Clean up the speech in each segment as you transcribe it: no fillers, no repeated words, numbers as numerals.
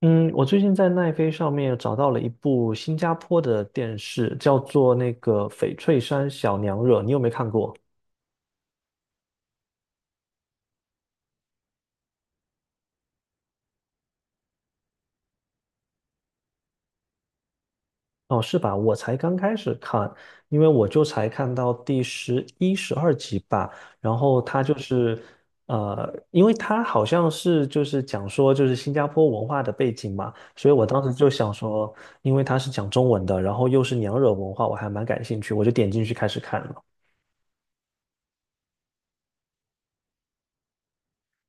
嗯，我最近在奈飞上面找到了一部新加坡的电视，叫做那个《翡翠山小娘惹》，你有没看过？哦，是吧？我才刚开始看，因为我就才看到第11、12集吧。然后它就是，因为它好像是就是讲说就是新加坡文化的背景嘛，所以我当时就想说，因为它是讲中文的，然后又是娘惹文化，我还蛮感兴趣，我就点进去开始看了。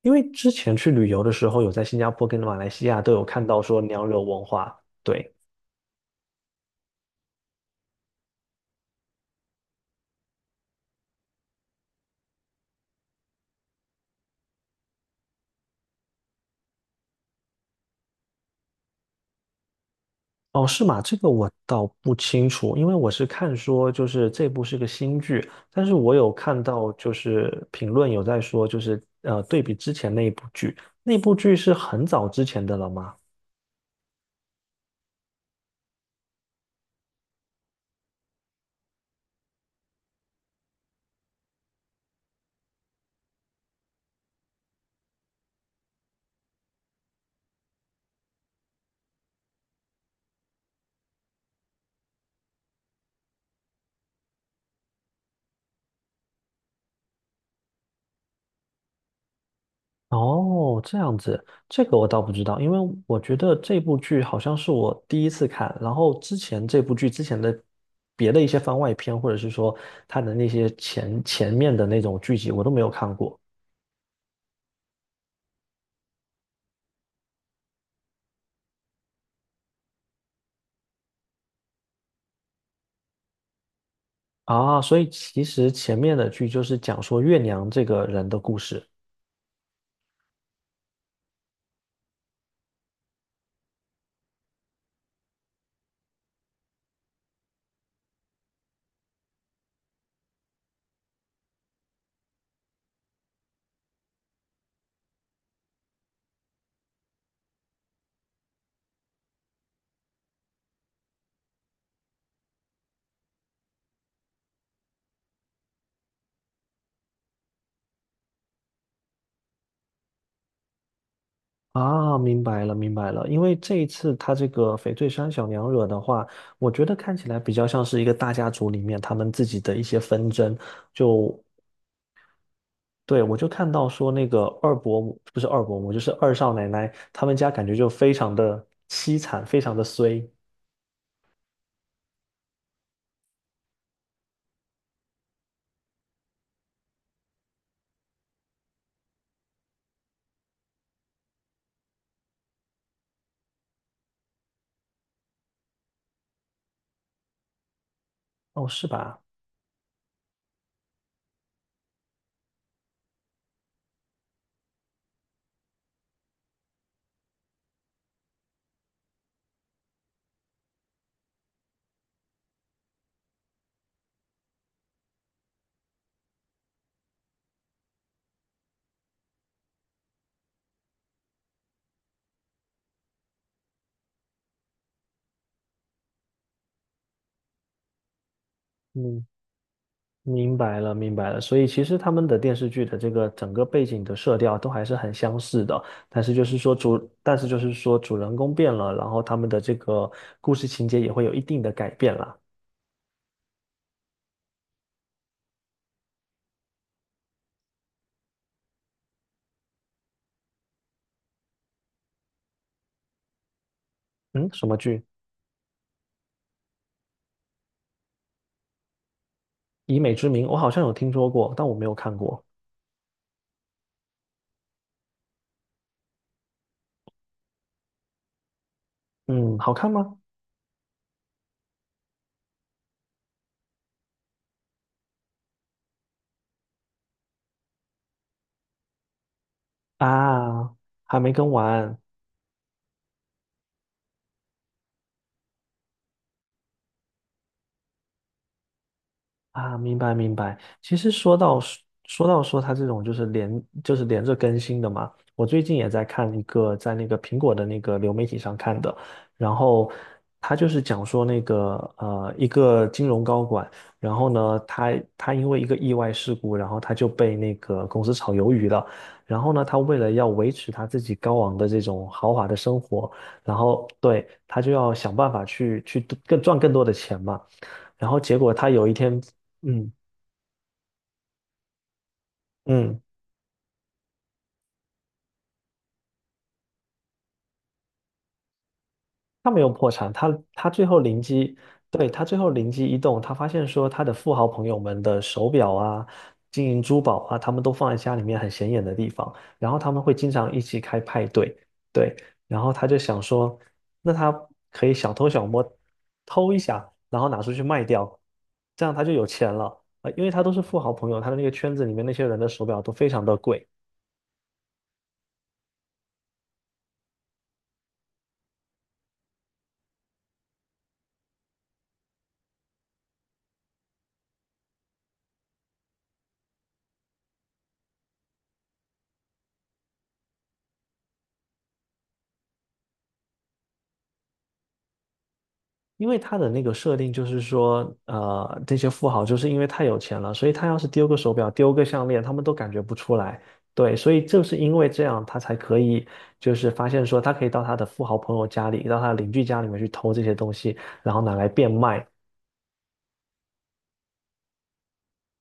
因为之前去旅游的时候，有在新加坡跟马来西亚都有看到说娘惹文化，对，哦，是吗？这个我倒不清楚，因为我是看说就是这部是个新剧，但是我有看到就是评论有在说就是对比之前那一部剧，那部剧是很早之前的了吗？哦，这样子，这个我倒不知道，因为我觉得这部剧好像是我第一次看，然后之前这部剧之前的别的一些番外篇，或者是说它的那些前面的那种剧集，我都没有看过啊，所以其实前面的剧就是讲说月娘这个人的故事啊，明白了，明白了，因为这一次他这个翡翠山小娘惹的话，我觉得看起来比较像是一个大家族里面他们自己的一些纷争。就对，我就看到说那个二伯母，不是二伯母，就是二少奶奶，他们家感觉就非常的凄惨，非常的衰。哦，是吧？嗯，明白了，明白了。所以其实他们的电视剧的这个整个背景的色调都还是很相似的，但是就是说主人公变了，然后他们的这个故事情节也会有一定的改变啦。嗯，什么剧？以美之名，我好像有听说过，但我没有看过。嗯，好看吗？啊，还没更完。啊，明白明白。其实说到说它这种就是连着更新的嘛，我最近也在看一个在那个苹果的那个流媒体上看的，然后他就是讲说那个一个金融高管，然后呢他因为一个意外事故，然后他就被那个公司炒鱿鱼了，然后呢他为了要维持他自己高昂的这种豪华的生活，然后对他就要想办法去更赚更多的钱嘛。然后结果他有一天，嗯嗯，他没有破产，他最后灵机，对，他最后灵机一动，他发现说他的富豪朋友们的手表啊、金银珠宝啊，他们都放在家里面很显眼的地方，然后他们会经常一起开派对，对，然后他就想说，那他可以小偷小摸偷一下，然后拿出去卖掉，这样他就有钱了。啊，因为他都是富豪朋友，他的那个圈子里面那些人的手表都非常的贵，因为他的那个设定就是说，这些富豪就是因为太有钱了，所以他要是丢个手表、丢个项链，他们都感觉不出来。对，所以就是因为这样，他才可以就是发现说，他可以到他的富豪朋友家里，到他的邻居家里面去偷这些东西，然后拿来变卖。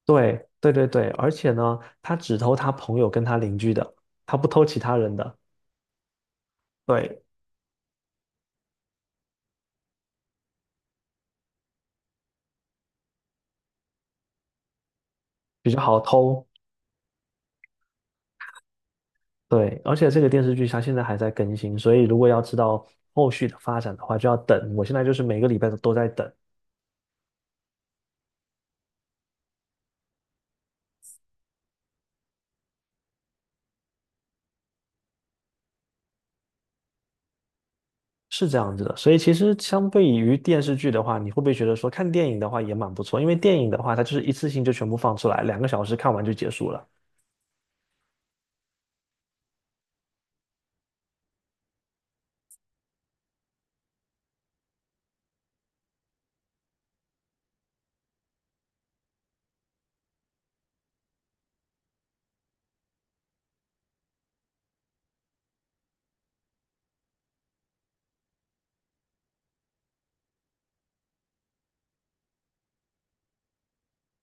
对，对对对，而且呢，他只偷他朋友跟他邻居的，他不偷其他人的，对，比较好偷。对，而且这个电视剧它现在还在更新，所以如果要知道后续的发展的话，就要等。我现在就是每个礼拜都在等，是这样子的。所以其实相对于电视剧的话，你会不会觉得说看电影的话也蛮不错？因为电影的话，它就是一次性就全部放出来，2个小时看完就结束了。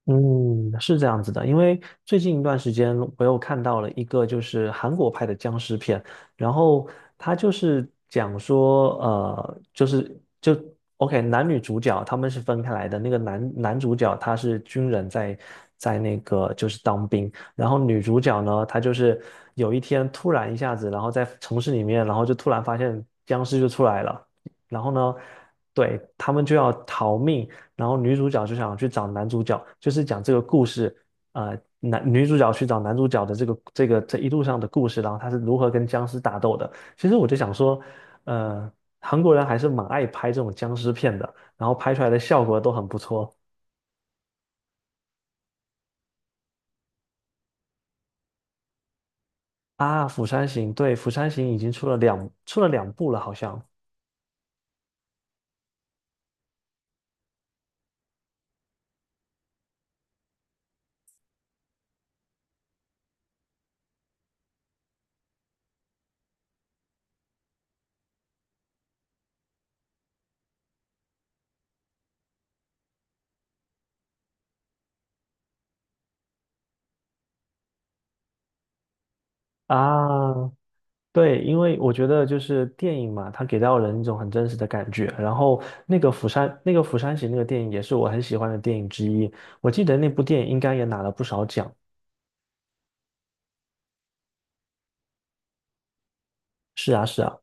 嗯，是这样子的，因为最近一段时间我又看到了一个就是韩国拍的僵尸片，然后他就是讲说，呃，就是就 OK，男女主角他们是分开来的，那个男主角他是军人在那个就是当兵，然后女主角呢，她就是有一天突然一下子，然后在城市里面，然后就突然发现僵尸就出来了，然后呢，对，他们就要逃命。然后女主角就想去找男主角，就是讲这个故事，男女主角去找男主角的这个这一路上的故事，然后他是如何跟僵尸打斗的。其实我就想说，呃，韩国人还是蛮爱拍这种僵尸片的，然后拍出来的效果都很不错啊。《釜山行》对，《釜山行》已经出了两部了，好像啊，对，因为我觉得就是电影嘛，它给到人一种很真实的感觉。然后那个釜山，那个釜山行那个电影也是我很喜欢的电影之一。我记得那部电影应该也拿了不少奖。是啊，是啊，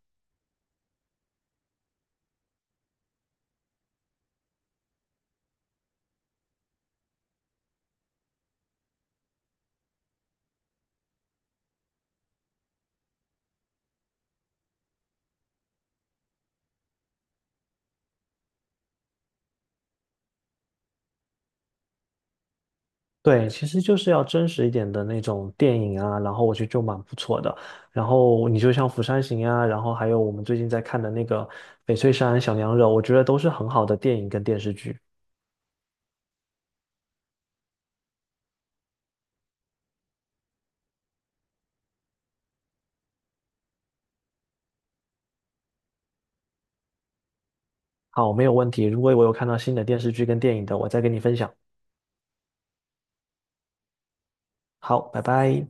对，其实就是要真实一点的那种电影啊，然后我觉得就蛮不错的。然后你就像《釜山行》啊，然后还有我们最近在看的那个《翡翠山小娘惹》，我觉得都是很好的电影跟电视剧。好，没有问题。如果我有看到新的电视剧跟电影的，我再跟你分享。好，拜拜。